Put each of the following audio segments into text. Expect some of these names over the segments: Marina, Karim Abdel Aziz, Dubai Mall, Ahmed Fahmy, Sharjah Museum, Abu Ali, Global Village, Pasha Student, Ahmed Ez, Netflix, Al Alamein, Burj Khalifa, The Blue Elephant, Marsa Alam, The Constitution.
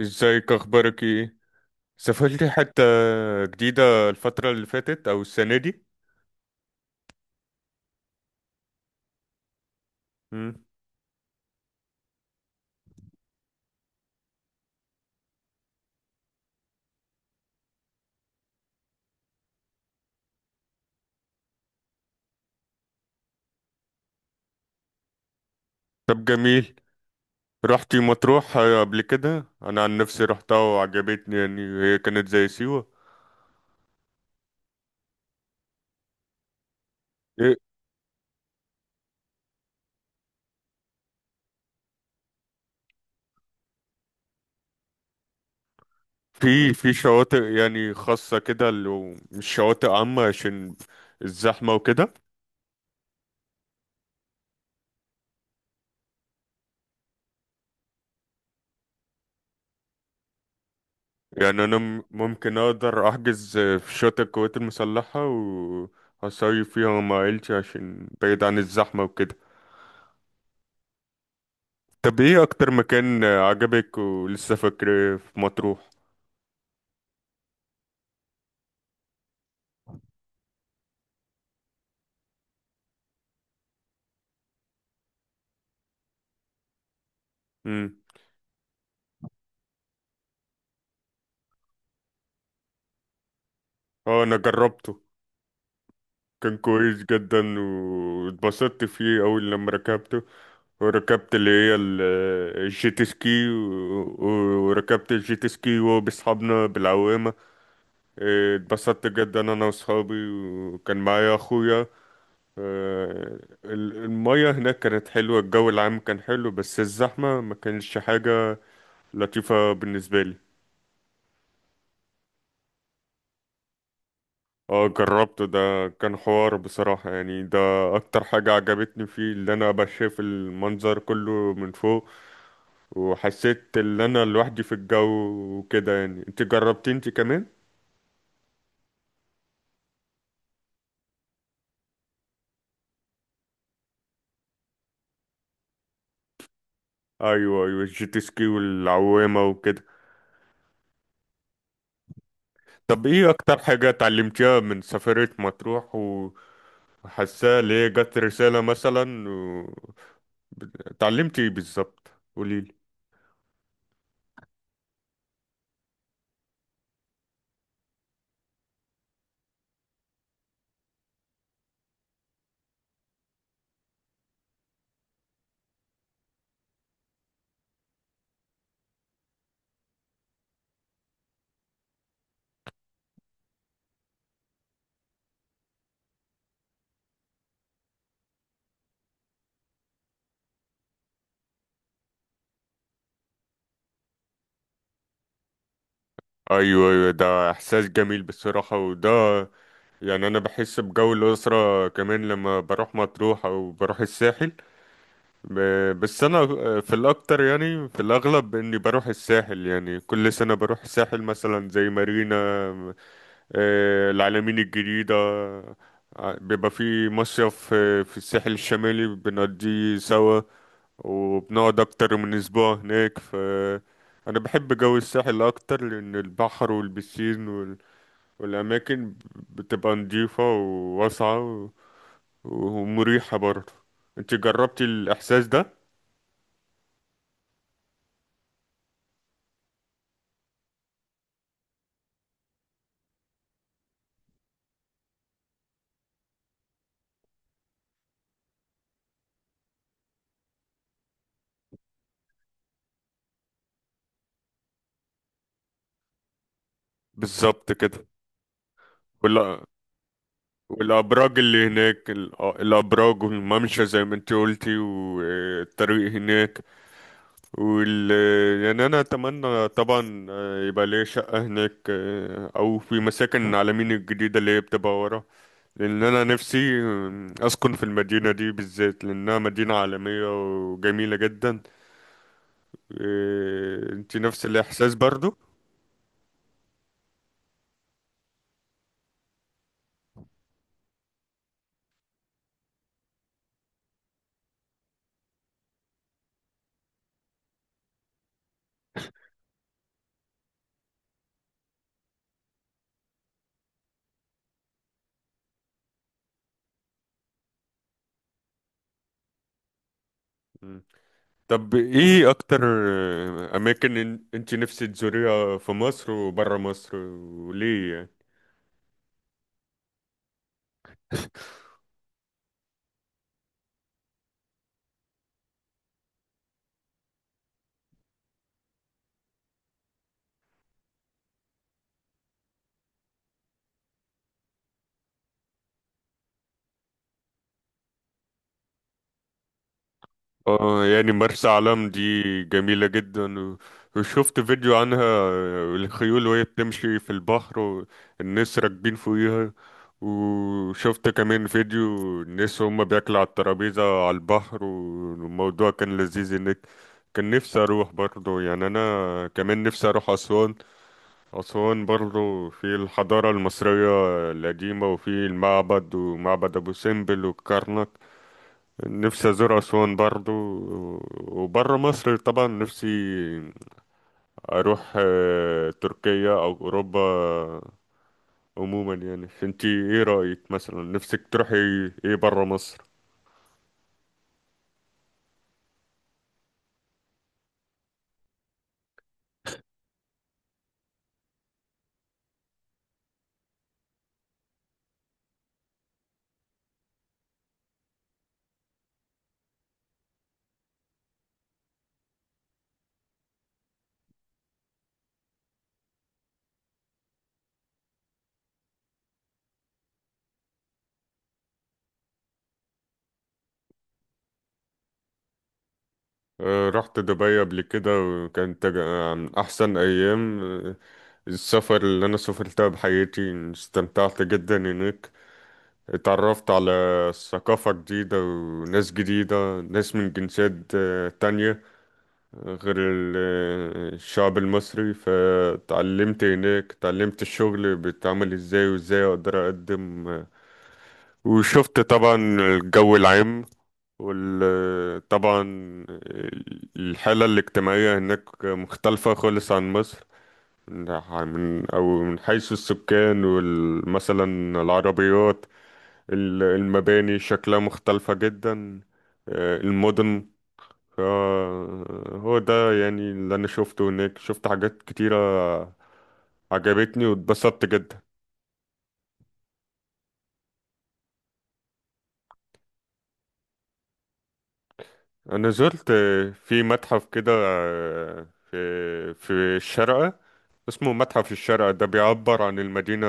ازيك، اخبارك ايه؟ سافرتي حتة جديدة الفترة اللي فاتت او السنة دي؟ مم. طب جميل. رحتي مطروح قبل كده؟ انا عن نفسي رحتها وعجبتني، يعني هي كانت زي سيوة. إيه، في شواطئ يعني خاصة كده، لو مش شواطئ عامة عشان الزحمة وكده؟ يعني انا ممكن اقدر احجز في شاطئ القوات المسلحة، وهصيف فيها مع عيلتي عشان بعيد عن الزحمة وكده. طب ايه اكتر مكان عجبك ولسه فاكره في مطروح؟ امم. اه، انا جربته. كان كويس جدا واتبسطت فيه اول لما ركبته، وركبت اللي هي الجيت سكي، وركبت الجيت سكي وهو بأصحابنا بالعوامة. إيه، اتبسطت جدا انا واصحابي، وكان معايا اخويا. آه، المية هناك كانت حلوة، الجو العام كان حلو، بس الزحمة ما كانش حاجة لطيفة بالنسبة لي. اه، جربته. ده كان حوار بصراحة، يعني ده اكتر حاجة عجبتني فيه، اللي انا بشاف المنظر كله من فوق، وحسيت ان انا لوحدي في الجو وكده. يعني انت جربتي انت كمان؟ ايوه، ايوه، الجيت سكي والعوامة وكده. طب ايه اكتر حاجة اتعلمتيها من سفرية مطروح، وحاساها اللي هي جت رسالة مثلا و اتعلمتي ايه بالظبط، قوليلي؟ ايوه، ايوه، ده احساس جميل بصراحة، وده يعني انا بحس بجو الاسره كمان لما بروح مطروح او بروح الساحل. بس انا في الاكتر، يعني في الاغلب اني بروح الساحل، يعني كل سنه بروح الساحل مثلا زي مارينا، آه، العلمين الجديده. بيبقى في مصيف، في الساحل الشمالي بنقضيه سوا، وبنقعد اكتر من اسبوع هناك. ف انا بحب جو الساحل اكتر لان البحر والبسين والأماكن بتبقى نضيفة وواسعة ومريحة برضه. انت جربتي الإحساس ده؟ بالظبط كده، ولا؟ والأبراج اللي هناك الأبراج والممشى زي ما انت قلتي، والطريق هناك وال يعني أنا أتمنى طبعا يبقى ليا شقة هناك، أو في مساكن العالمين الجديدة اللي هي بتبقى ورا، لأن أنا نفسي أسكن في المدينة دي بالذات، لأنها مدينة عالمية وجميلة جدا. إيه، انت نفس الاحساس برضو؟ مم. طب ايه اكتر اماكن انت نفسك تزوريها في مصر وبره مصر، وليه يعني؟ اه، يعني مرسى علم دي جميلة جدا، وشفت فيديو عنها، الخيول وهي بتمشي في البحر والناس راكبين فوقيها. وشفت كمان فيديو، الناس هم بياكلوا على الترابيزة على البحر، والموضوع كان لذيذ هناك. كان نفسي اروح برضه. يعني انا كمان نفسي اروح اسوان، اسوان برضه في الحضارة المصرية القديمة، وفي المعبد ومعبد ابو سمبل والكرنك. نفسي ازور اسوان برضو. وبره مصر طبعا نفسي اروح تركيا او اوروبا عموما. يعني انتي ايه رايك؟ مثلا نفسك تروحي ايه بره مصر؟ رحت دبي قبل كده، وكانت عن احسن ايام السفر اللي انا سافرتها بحياتي. استمتعت جدا هناك، اتعرفت على ثقافة جديدة وناس جديدة، ناس من جنسيات تانية غير الشعب المصري. فتعلمت هناك، تعلمت الشغل بيتعمل ازاي، وازاي اقدر اقدم. وشفت طبعا الجو العام، وطبعا الحالة الاجتماعية هناك مختلفة خالص عن مصر، من أو من حيث السكان، ومثلا العربيات، المباني شكلها مختلفة جدا، المدن. فهو ده يعني اللي انا شفته هناك، شفت حاجات كتيرة عجبتني، واتبسطت جدا. انا زرت في متحف كده، في الشارقة، اسمه متحف الشارقة. ده بيعبر عن المدينة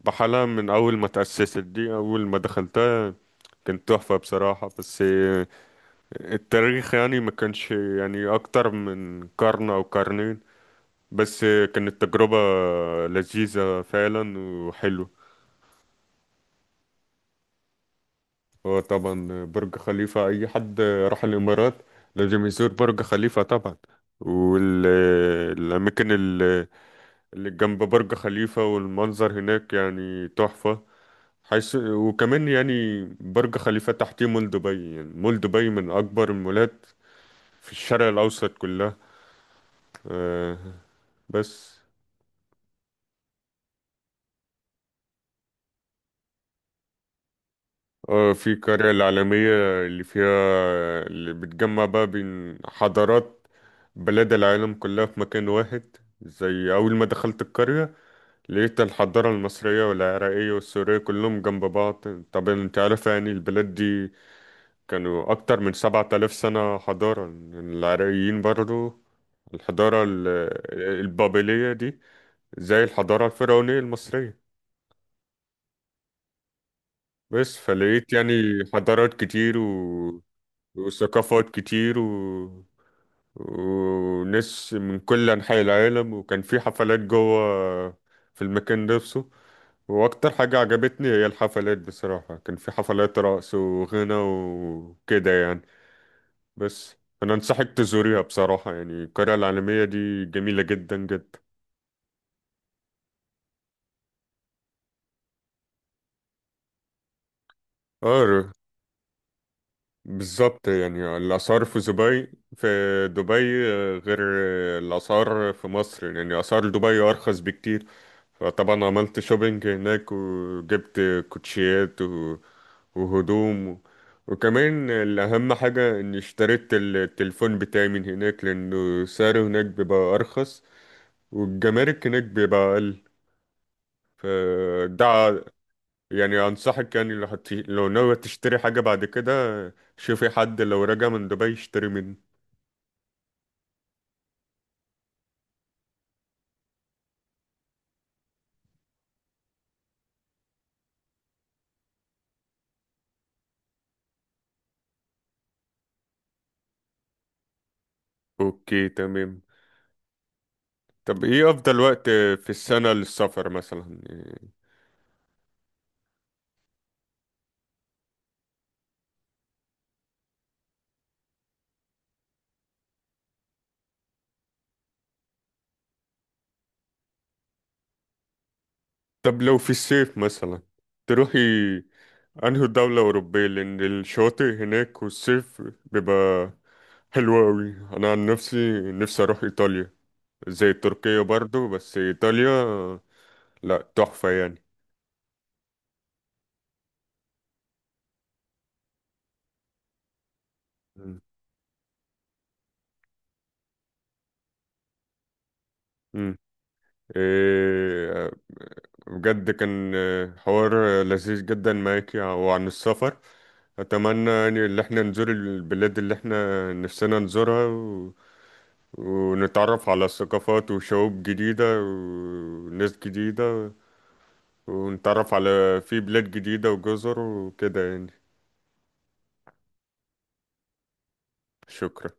بحالها من اول ما تأسست. دي اول ما دخلتها، كانت تحفة بصراحة، بس التاريخ يعني ما كانش يعني اكتر من قرن او قرنين. بس كانت تجربة لذيذة فعلا وحلوة. هو طبعا برج خليفة، أي حد راح الإمارات لازم يزور برج خليفة طبعا، والأماكن اللي جنب برج خليفة والمنظر هناك يعني تحفة، حيث وكمان يعني برج خليفة تحتيه مول دبي. يعني مول دبي من أكبر المولات في الشرق الأوسط كلها. آه، بس في القرية العالمية، اللي فيها، اللي بتجمع بقى بين حضارات بلاد العالم كلها في مكان واحد. زي أول ما دخلت القرية لقيت الحضارة المصرية والعراقية والسورية كلهم جنب بعض. طبعا انت عارف يعني البلاد دي كانوا أكتر من 7000 سنة حضارة، يعني العراقيين برضو الحضارة البابلية دي زي الحضارة الفرعونية المصرية. بس فلقيت يعني حضارات كتير وثقافات كتير وناس من كل أنحاء العالم، وكان في حفلات جوه في المكان نفسه. وأكتر حاجة عجبتني هي الحفلات بصراحة، كان في حفلات رقص وغنى وكده يعني. بس أنا أنصحك تزوريها بصراحة، يعني القرية العالمية دي جميلة جدا جدا. اه، بالظبط، يعني الآثار في دبي غير الآثار في مصر، يعني آثار دبي أرخص بكتير. طبعا عملت شوبينج هناك وجبت كوتشيات وهدوم وكمان الأهم حاجة إني اشتريت التليفون بتاعي من هناك، لأنه سعره هناك بيبقى أرخص والجمارك هناك بيبقى أقل. فده يعني أنصحك، يعني لو ناوي تشتري حاجة بعد كده، شوفي حد لو راجع من دبي يشتري منه. أوكي، تمام. طب إيه أفضل وقت في السنة للسفر مثلا؟ طب لو في الصيف مثلا تروحي انهي دولة أوروبية؟ لأن الشواطئ هناك والصيف بيبقى حلو أوي. أنا عن نفسي نفسي أروح إيطاليا، زي تركيا برضو، بس إيطاليا لأ، تحفة يعني. مم. مم. إيه، بجد كان حوار لذيذ جدا معاك، وعن السفر أتمنى يعني إن احنا نزور البلاد اللي احنا نفسنا نزورها ونتعرف على ثقافات وشعوب جديدة وناس جديدة، ونتعرف على في بلاد جديدة وجزر وكده يعني. شكرا.